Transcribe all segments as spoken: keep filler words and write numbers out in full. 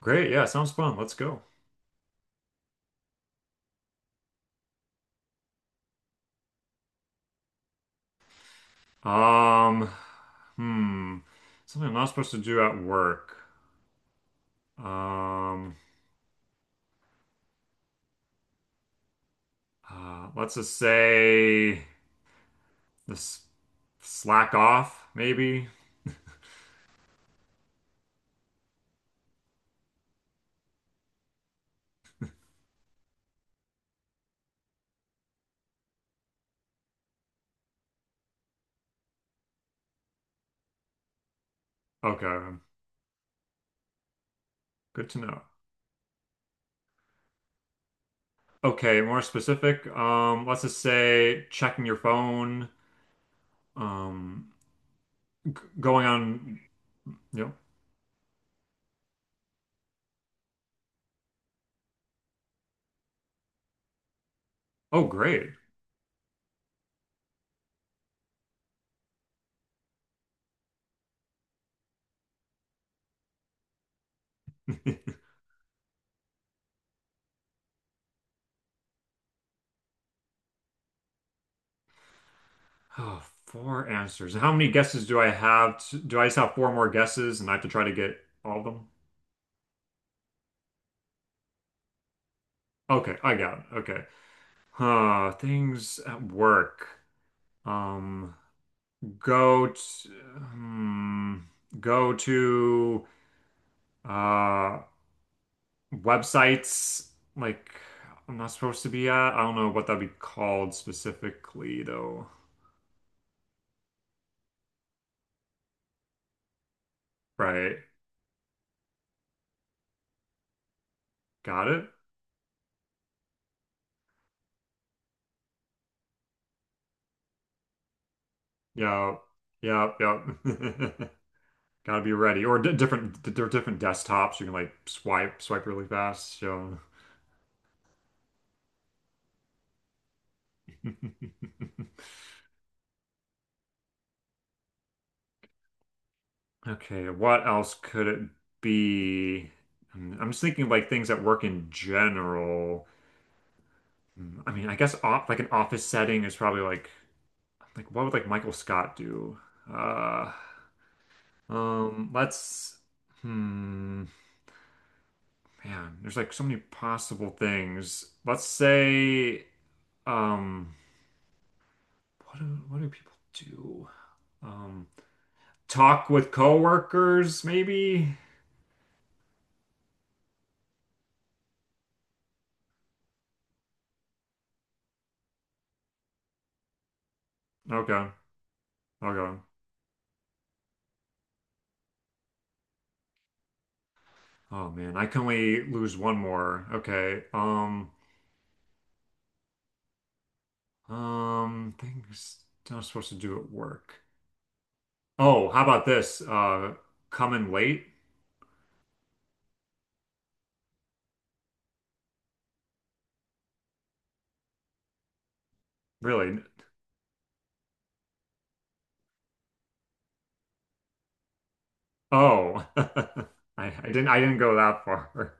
Great. Yeah, sounds fun. Let's go. Um, hmm. Something I'm not supposed to do at work. Um, uh, let's just say this slack off, maybe. Okay. Good to know. Okay, more specific. Um, let's just say checking your phone. Um, going on, you know. Oh, great. Oh, four answers. How many guesses do I have? To, do I just have four more guesses and I have to try to get all of them? Okay, I got it. Okay. Huh, things at work. Um, go to, hmm, Go to uh websites like I'm not supposed to be at. I don't know what that'd be called specifically though. Right. Got it? Yeah. yep, yep. Gotta be ready. Or d different d different desktops. You can like swipe swipe really fast. So Okay, what else could it be? Mm, I'm just thinking of like things that work in general. Mm, I mean, I guess off, like an office setting is probably like like what would like Michael Scott do? Uh, um, let's hmm, man, there's like so many possible things. Let's say um, what do what do people do? Um, Talk with coworkers, maybe? Okay, okay. Oh man, I can only lose one more. Okay. Um, um, things not supposed to do at work. Oh, how about this? Uh, coming late? Really? Oh, I, I didn't. I didn't go that far.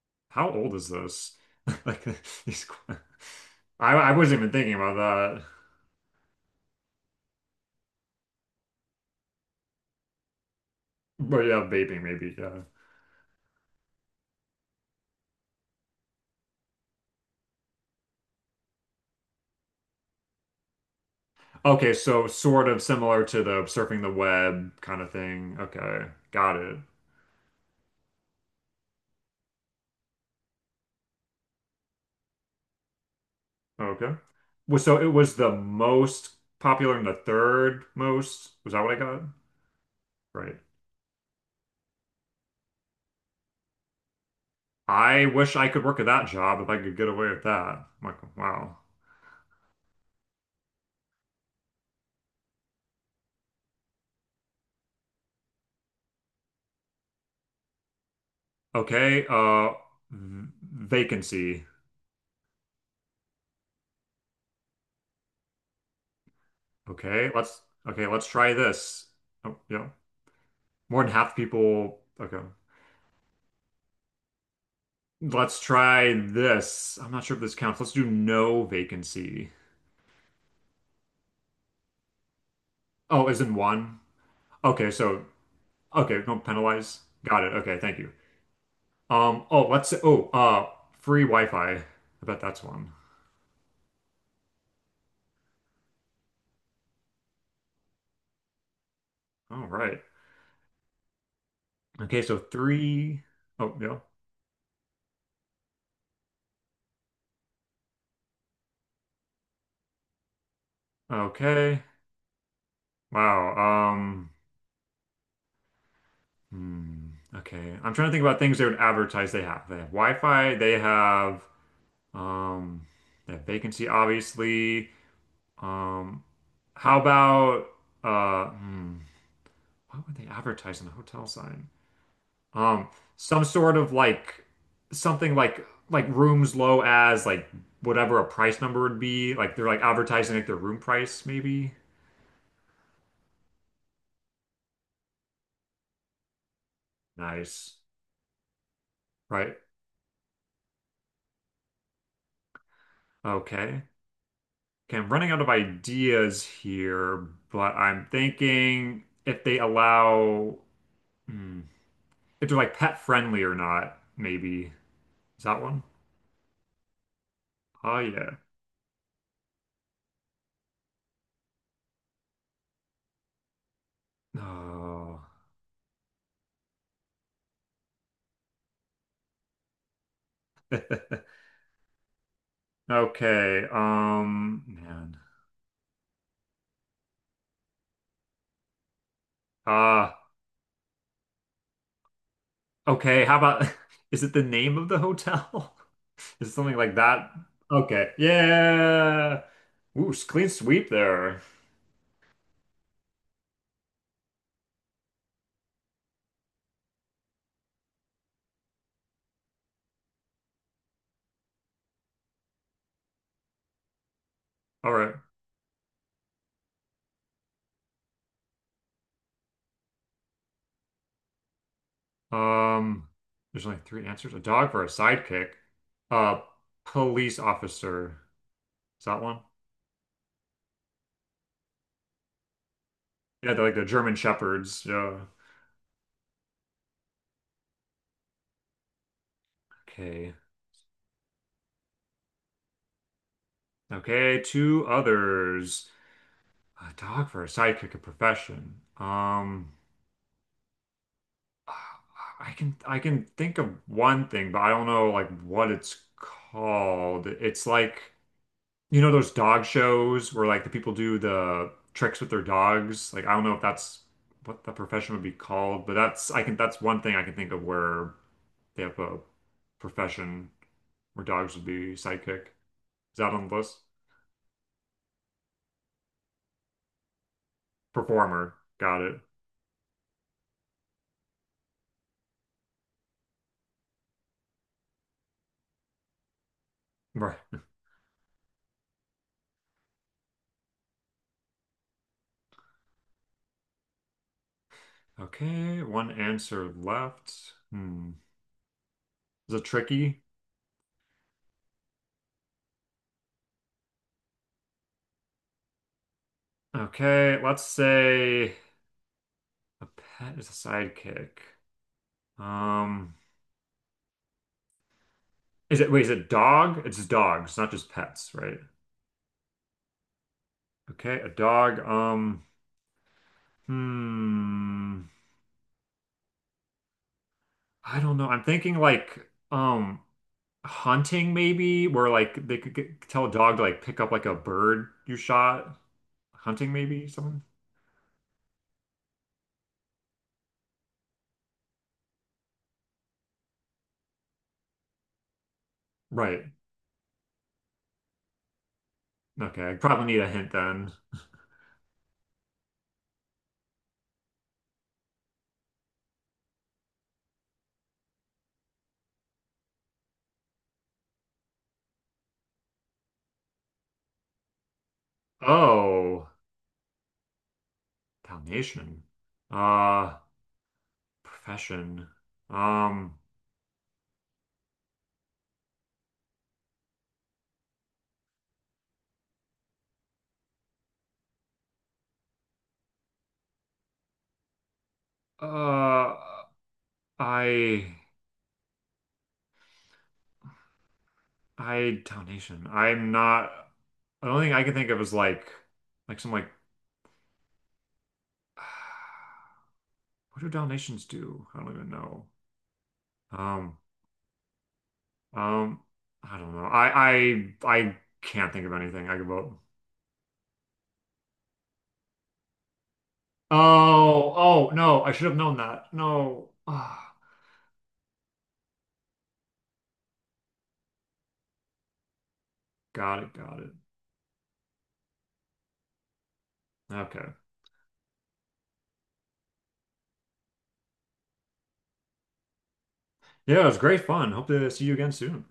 How old is this? Like these. que- I I wasn't even thinking about that. But yeah, vaping maybe. Yeah. Okay, so sort of similar to the surfing the web kind of thing. Okay, got it. Okay. Was so it was the most popular and the third most. Was that what I got? Right. I wish I could work at that job if I could get away with that. I'm like, wow. Okay, uh v- vacancy. Okay, let's okay, let's try this. Oh, yeah. More than half the people. Okay. Let's try this. I'm not sure if this counts. Let's do no vacancy. Oh, is in one? Okay, so okay, don't penalize. Got it. Okay, thank you. Um, oh, let's say, oh, uh, free Wi-Fi. I bet that's one. All right. Okay, so three. Oh, yeah. Okay. Wow. Um, hmm. Okay. I'm trying to think about things they would advertise they have. They have Wi-Fi, they have um they have vacancy, obviously. Um, how about uh hmm, what would they advertise on the hotel side? Um, some sort of like something like like rooms low as like whatever a price number would be. Like they're like advertising like their room price, maybe. Nice. Right. Okay. Okay, I'm running out of ideas here, but I'm thinking if they allow hmm, if they're like pet friendly or not, maybe. Is that one? Oh yeah. Oh. Okay. Um, man. Ah, okay, how about is it the name of the hotel? Is it something like that? Okay. Yeah. Ooh, s- clean sweep there. All right. Um, there's only three answers. A dog for a sidekick. A police officer. Is that one? Yeah, they're like the German shepherds. Yeah. Okay. Okay, two others. A dog for a sidekick, a profession. Um, I can I can think of one thing, but I don't know like what it's called. It's like you know those dog shows where like the people do the tricks with their dogs. Like I don't know if that's what the profession would be called, but that's I can that's one thing I can think of where they have a profession where dogs would be sidekick. Is that on the list? Performer. Got it. Right. Okay, one answer left. Hmm. Is it tricky? Okay, let's say. A pet is a sidekick. Um, is it, wait, is it dog? It's dogs, not just pets, right? Okay, a dog. Um, hmm. I don't know. I'm thinking like, um, hunting maybe, where like they could get, tell a dog to like pick up like a bird you shot. Hunting maybe, something. Right. Okay, I probably need a hint then. Oh, Dalmatian. Uh, profession. Um, uh, I. I donation. I'm not. The only thing I can think of is like, like some like, what do donations do? I don't even know. Um, um, I don't know. I I I can't think of anything I could vote. Oh, oh no! I should have known that. No. Ah, got it, got it. Okay. Yeah, it was great fun. Hope to see you again soon.